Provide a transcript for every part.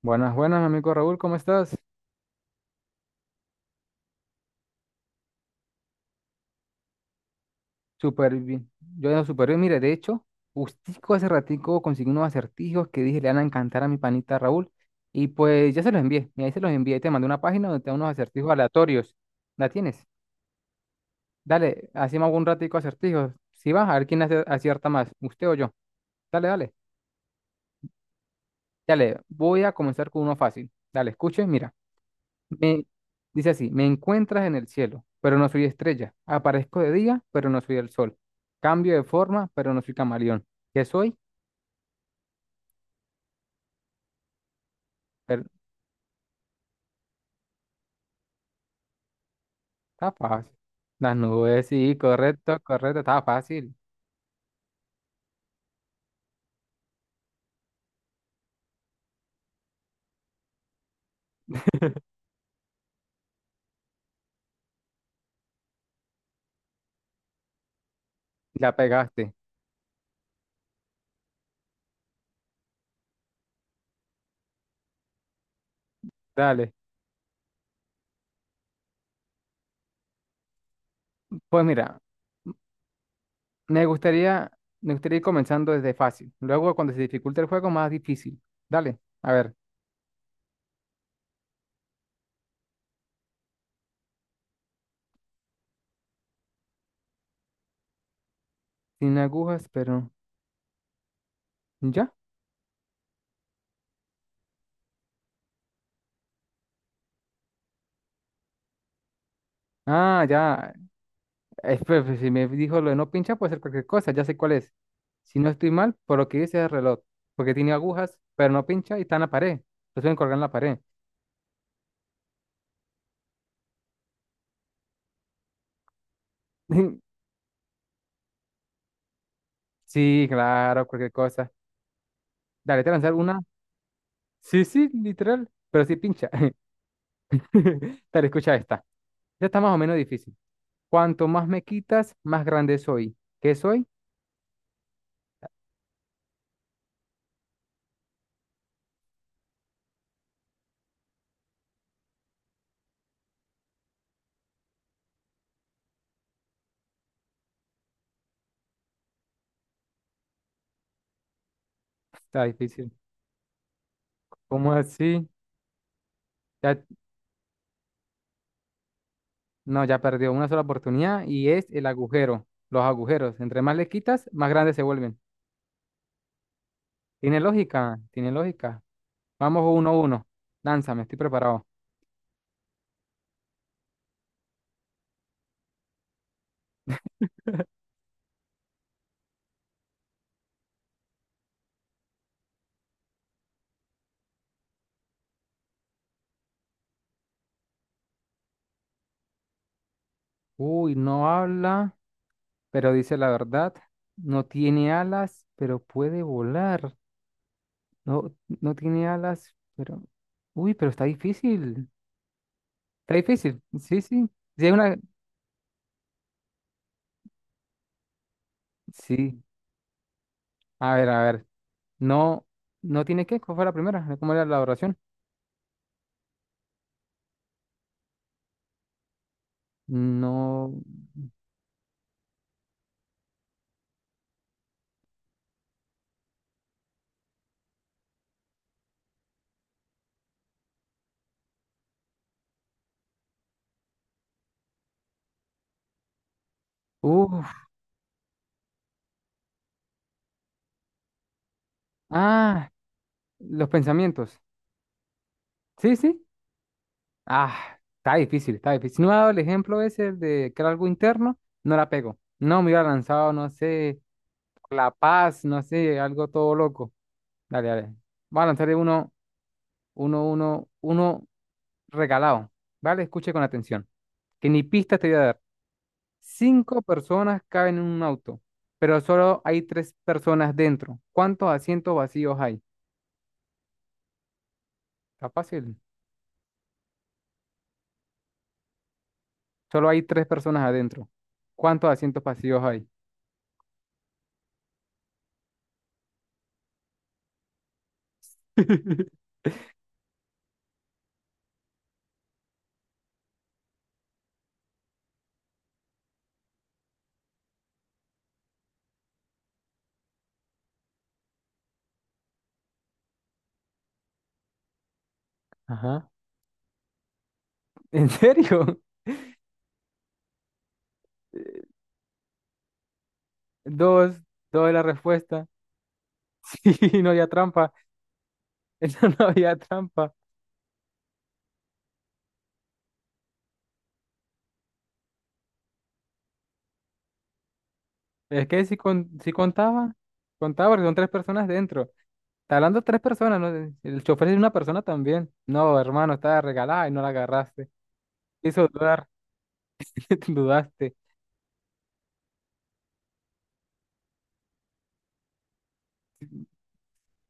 Buenas, buenas, mi amigo Raúl, ¿cómo estás? Súper bien. Yo ando súper bien. Mire, de hecho, justico hace ratico conseguí unos acertijos que dije le van a encantar a mi panita Raúl. Y pues ya se los envié. Y ahí se los envié. Te mandé una página donde te da unos acertijos aleatorios. ¿La tienes? Dale, hacemos un ratico acertijos. Si vas, a ver quién acierta más, usted o yo. Dale, dale. Dale, voy a comenzar con uno fácil. Dale, escuche, mira. Me, Dice así, me encuentras en el cielo, pero no soy estrella. Aparezco de día, pero no soy el sol. Cambio de forma, pero no soy camaleón. ¿Qué soy? Pero, Está fácil. Las nubes, sí, correcto, correcto, está fácil. La pegaste. Dale. Pues mira, me gustaría, me gustaría ir comenzando desde fácil. Luego, cuando se dificulta el juego, más difícil. Dale, a ver. Sin agujas, pero... ¿Ya? Ah, ya. Pues, si me dijo lo de no pinchar, puede ser cualquier cosa, ya sé cuál es. Si no estoy mal, por lo que dice es el reloj, porque tiene agujas, pero no pincha y está en la pared. Lo suelen colgar en la pared. Sí, claro, cualquier cosa. Dale, te voy a lanzar una. Sí, sí, literal, pero sí pincha. Dale, escucha esta. Ya está más o menos difícil. Cuanto más me quitas, más grande soy. ¿Qué soy? Está difícil. ¿Cómo así? Ya, no, ya perdió una sola oportunidad y es el agujero, los agujeros. Entre más le quitas, más grandes se vuelven. Tiene lógica, tiene lógica. Vamos uno a uno. Lánzame, estoy preparado. Uy, no habla, pero dice la verdad. No tiene alas, pero puede volar. No, no tiene alas, pero... Uy, pero está difícil. Está difícil. Sí, sí. Sí, es una... Sí. A ver, a ver. No, no tiene qué. ¿Cuál fue la primera? ¿Cómo era la oración? No. Uf. Ah, los pensamientos. Sí, sí. Ah, está difícil, está difícil. Si no me ha dado el ejemplo ese de que era algo interno, no la pego. No, me hubiera lanzado, no sé, La Paz, no sé, algo todo loco. Dale, dale. Voy a lanzarle uno regalado. ¿Vale? Escuche con atención. Que ni pista te voy a dar. Cinco personas caben en un auto, pero solo hay tres personas dentro. ¿Cuántos asientos vacíos hay? Está fácil. Solo hay tres personas adentro. ¿Cuántos asientos vacíos hay? Ajá. ¿En serio? Eh, Dos, dos es la respuesta. Sí, no había trampa. Eso no había trampa. Es que si, con, si contaba, contaba porque son tres personas dentro. Está hablando tres personas, ¿no? El chofer es una persona también. No, hermano, estaba regalada y no la agarraste. Hizo dudar, dudaste.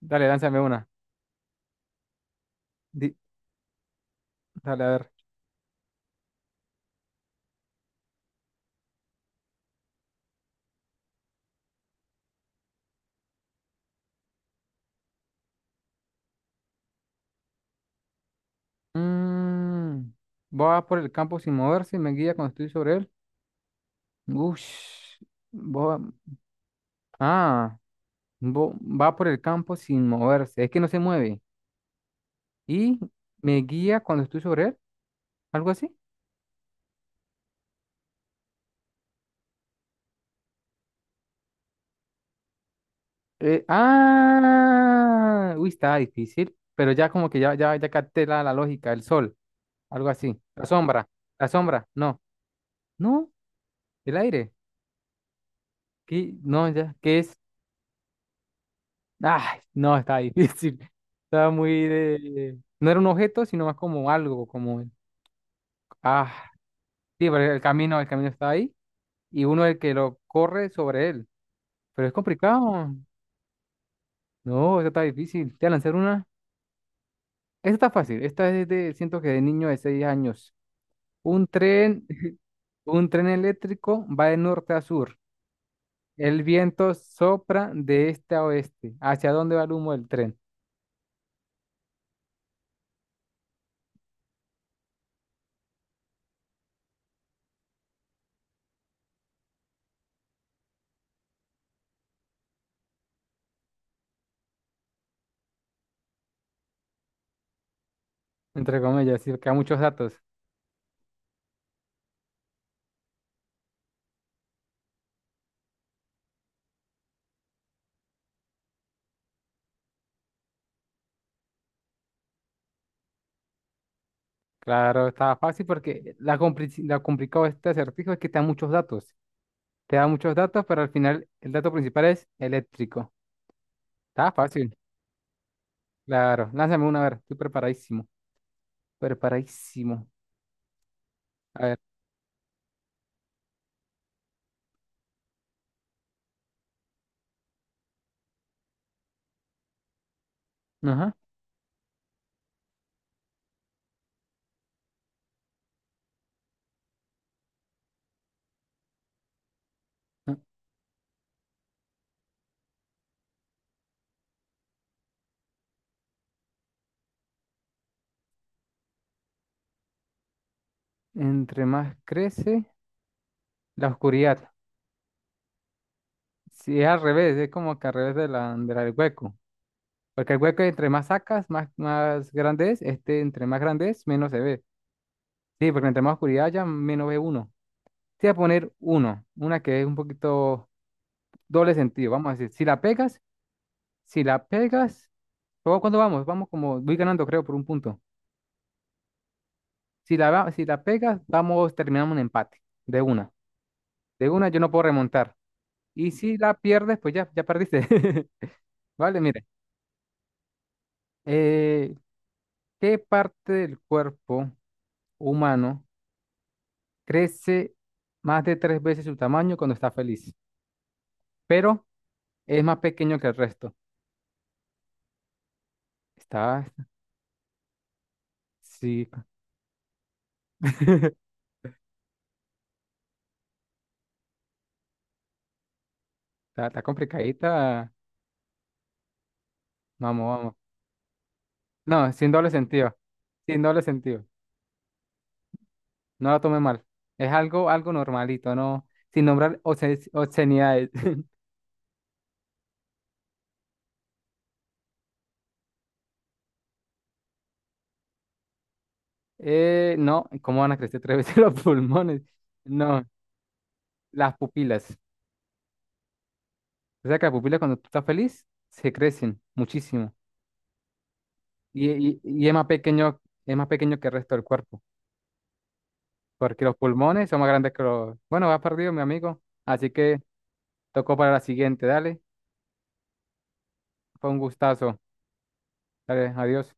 Dale, lánzame una. Di- Dale, a ver. Mm, Va por el campo sin moverse y me guía cuando estoy sobre él. Ush, va, ah, vo- va por el campo sin moverse. Es que no se mueve. Y me guía cuando estoy sobre él, algo así. Uy, estaba difícil, pero ya como que ya capté la lógica, el sol, algo así, la sombra, no, no, el aire, ¿qué? No, ya, ¿qué es? Ay, no, está difícil, estaba muy de... No era un objeto, sino más como algo, como... Ah, sí, pero el camino está ahí y uno es el que lo corre sobre él, pero es complicado, no, eso está difícil, te voy a lanzar una. Esta está fácil. Esta es de, siento que de niño de 6 años. Un tren, un tren eléctrico va de norte a sur. El viento sopra de este a oeste. ¿Hacia dónde va el humo del tren? Entre comillas, sí, porque hay muchos datos. Claro, está fácil porque la complicado de este acertijo es que te da muchos datos. Te da muchos datos, pero al final el dato principal es eléctrico. Está fácil. Claro, lánzame una, a ver, estoy preparadísimo. Preparadísimo. A ver, ajá. Entre más crece. La oscuridad. Si es al revés, es como que al revés de la del hueco. Porque el hueco entre más sacas, más grande es. Este entre más grande es, menos se ve. Sí, porque entre más oscuridad haya, menos ve uno. Te voy a poner uno, una que es un poquito doble sentido. Vamos a decir, si la pegas, si la pegas, ¿cómo- ¿cuánto vamos? Vamos como, voy ganando creo por un punto. Si la pegas, vamos, terminamos un empate. De una. De una yo no puedo remontar. Y si la pierdes, pues ya, ya perdiste. Vale, mire. eh, ¿Qué parte del cuerpo humano crece más de tres veces su tamaño cuando está feliz, pero es más pequeño que el resto? Está, sí, está, complicadita. Vamos, vamos. No, sin doble sentido, sin doble sentido. No la tome mal. Es algo, algo normalito, no, sin nombrar obscenidades. No, ¿cómo van a crecer tres veces los pulmones? No, las pupilas. O sea que las pupilas cuando tú estás feliz se crecen muchísimo. Y es más pequeño que el resto del cuerpo, porque los pulmones son más grandes que los... Bueno, va perdido, mi amigo. Así que tocó para la siguiente, dale. Fue un gustazo. Dale, adiós.